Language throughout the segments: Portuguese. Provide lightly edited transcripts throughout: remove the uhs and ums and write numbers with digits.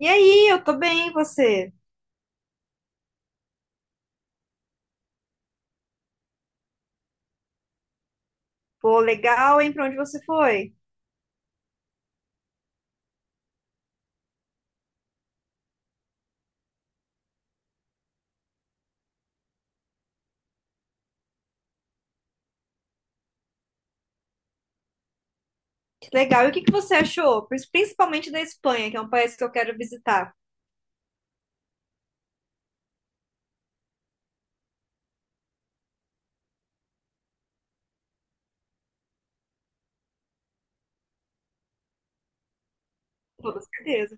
E aí, eu tô bem, e você? Pô, legal, hein? Pra onde você foi? Que legal. E o que que você achou? Principalmente da Espanha, que é um país que eu quero visitar. Com toda certeza.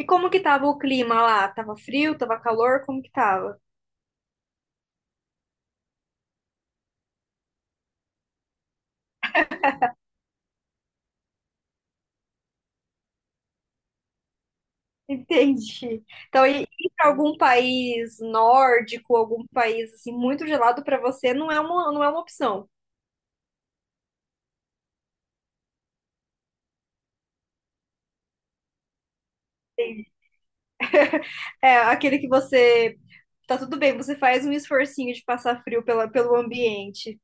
E como que tava o clima lá? Tava frio? Tava calor? Como que tava? Entendi. Então, ir pra algum país nórdico, algum país assim muito gelado pra você não é uma opção. Entendi. É aquele que você tá tudo bem, você faz um esforcinho de passar frio pelo ambiente.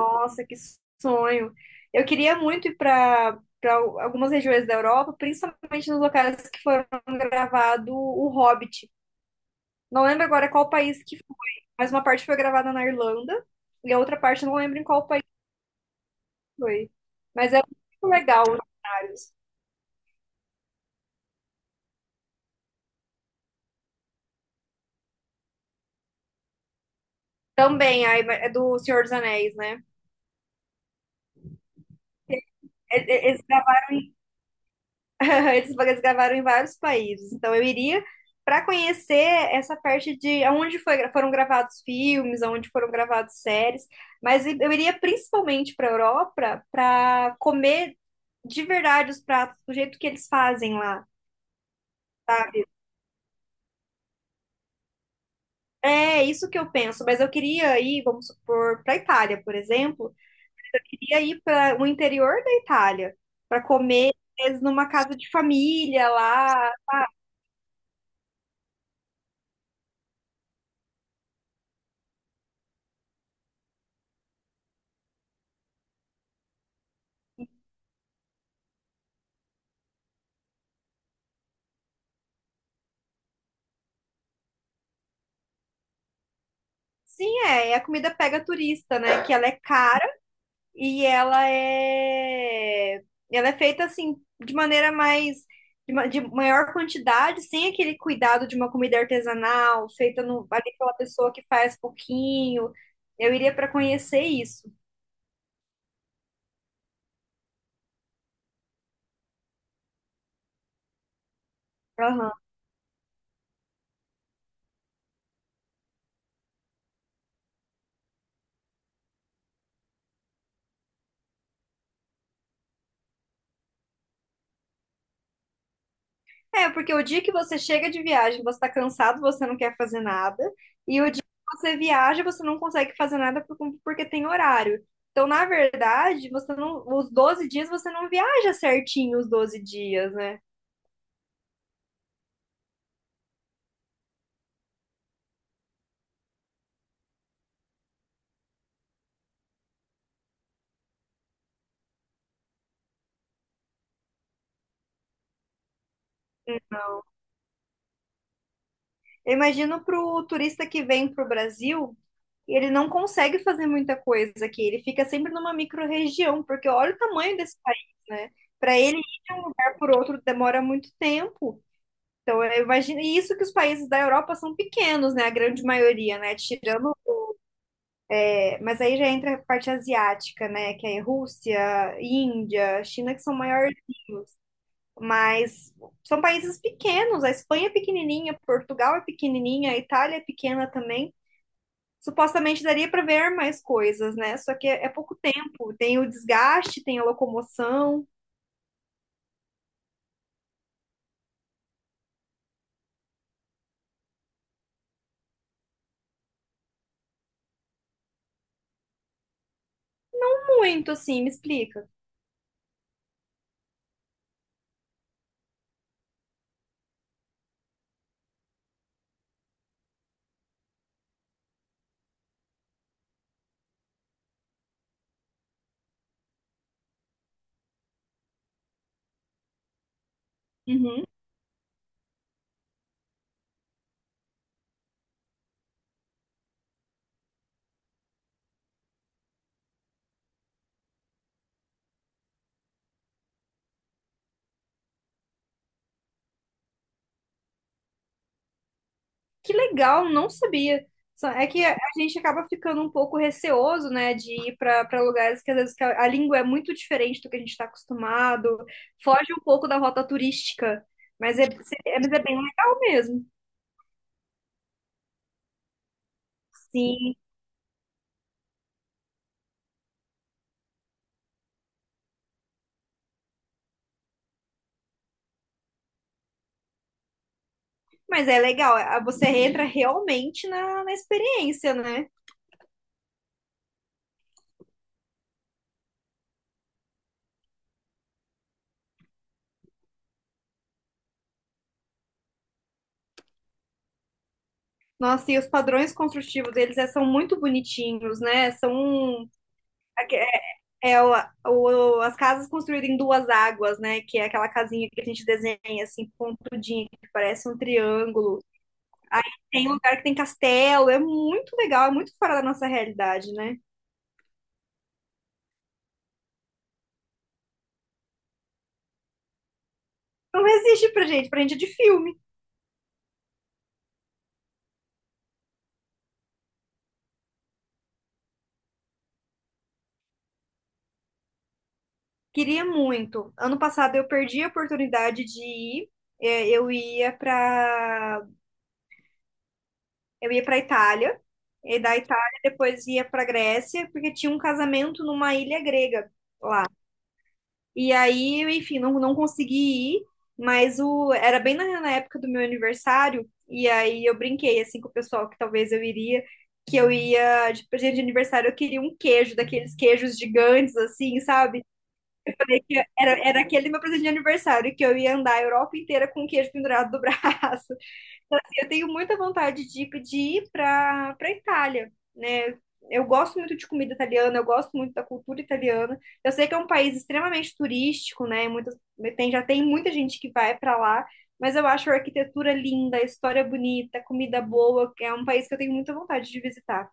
Nossa, que sonho. Eu queria muito ir para algumas regiões da Europa, principalmente nos locais que foram gravado O Hobbit. Não lembro agora qual país que foi, mas uma parte foi gravada na Irlanda e a outra parte eu não lembro em qual país foi. Mas é muito legal os cenários. Também, aí, é do Senhor dos Anéis, né? É, é- é- Esses eles gravaram em vários países, então eu iria para conhecer essa parte de onde foi, foram gravados filmes, onde foram gravados séries, mas eu iria principalmente para Europa para comer de verdade os pratos do jeito que eles fazem lá, sabe? É isso que eu penso, mas eu queria ir, vamos supor, para Itália, por exemplo, eu queria ir para o interior da Itália para comer às vezes, numa casa de família lá. Sim, é. E a comida pega turista, né? Que ela é cara e ela é. Ela é feita assim, de maneira mais. De maior quantidade, sem aquele cuidado de uma comida artesanal, feita no, ali pela pessoa que faz pouquinho. Eu iria para conhecer isso. É, porque o dia que você chega de viagem, você tá cansado, você não quer fazer nada. E o dia que você viaja, você não consegue fazer nada porque tem horário. Então, na verdade, você não, os 12 dias você não viaja certinho os 12 dias, né? Eu imagino pro turista que vem pro Brasil, ele não consegue fazer muita coisa aqui. Ele fica sempre numa micro-região, porque olha o tamanho desse país, né? Para ele ir de um lugar por outro demora muito tempo. Então, eu imagino, e isso que os países da Europa são pequenos, né? A grande maioria, né? Tirando, é, mas aí já entra a parte asiática, né? Que é Rússia, Índia, China, que são maiores, mas são países pequenos. A Espanha é pequenininha, Portugal é pequenininha, a Itália é pequena também. Supostamente daria para ver mais coisas, né? Só que é pouco tempo. Tem o desgaste, tem a locomoção. Muito, assim, me explica. Uhum. Que legal, não sabia. É que a gente acaba ficando um pouco receoso, né, de ir para lugares que às vezes que a língua é muito diferente do que a gente está acostumado, foge um pouco da rota turística, mas mas é bem legal mesmo. Sim, mas é legal, você entra realmente na experiência, né? Nossa, e os padrões construtivos deles é, são muito bonitinhos, né? São é o, as casas construídas em duas águas, né? Que é aquela casinha que a gente desenha assim, pontudinha, que parece um triângulo. Tem um lugar que tem castelo, é muito legal, é muito fora da nossa realidade, né? Não existe pra gente é de filme. Queria muito. Ano passado eu perdi a oportunidade de ir. Eu ia pra eu ia para Itália, e da Itália depois ia pra Grécia, porque tinha um casamento numa ilha grega. E aí, enfim, não consegui ir, mas o, era bem na época do meu aniversário, e aí eu brinquei assim com o pessoal que talvez eu iria, que eu ia de presente de aniversário, eu queria um queijo, daqueles queijos gigantes, assim, sabe? É que era aquele meu presente de aniversário, que eu ia andar a Europa inteira com o queijo pendurado do braço. Assim, eu tenho muita vontade de ir para Itália, né? Eu gosto muito de comida italiana, eu gosto muito da cultura italiana. Eu sei que é um país extremamente turístico, né? Muitas, tem, já tem muita gente que vai para lá, mas eu acho a arquitetura linda, a história bonita, a comida boa. É um país que eu tenho muita vontade de visitar.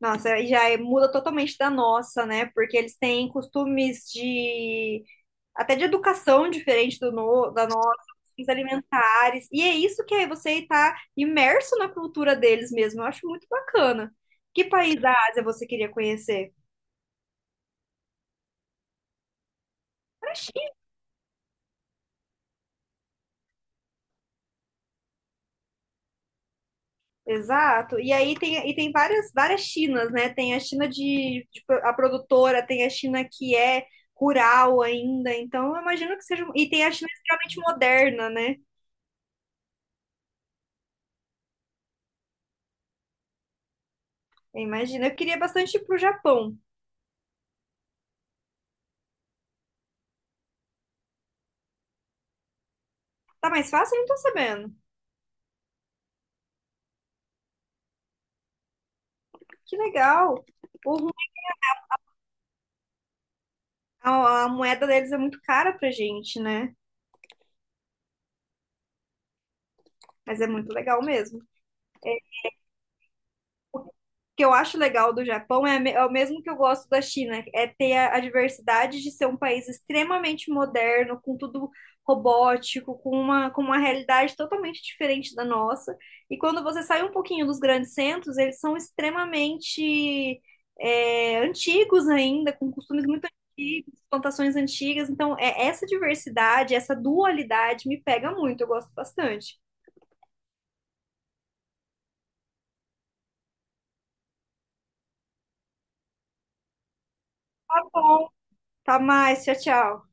Nossa, aí muda totalmente da nossa, né? Porque eles têm costumes de até de educação diferente do no, da nossa, os alimentares. E é isso que aí você está imerso na cultura deles mesmo. Eu acho muito bacana. Que país da Ásia você queria conhecer? A China. Exato. E aí tem, e tem várias, várias Chinas, né? Tem a China a produtora, tem a China que é rural ainda. Então, eu imagino que seja. Um, E tem a China extremamente moderna, né? Eu imagino. Eu queria bastante ir pro Japão. Tá mais fácil? Eu não tô sabendo. Que legal. O a moeda deles é muito cara pra gente, né? Mas é muito legal mesmo. O que eu acho legal do Japão é, é o mesmo que eu gosto da China, é ter a diversidade de ser um país extremamente moderno, com tudo robótico, com uma realidade totalmente diferente da nossa. E quando você sai um pouquinho dos grandes centros, eles são extremamente antigos ainda, com costumes muito antigos, plantações antigas. Então, é essa diversidade, essa dualidade me pega muito, eu gosto bastante. Tá bom. Tá mais. Tchau, tchau.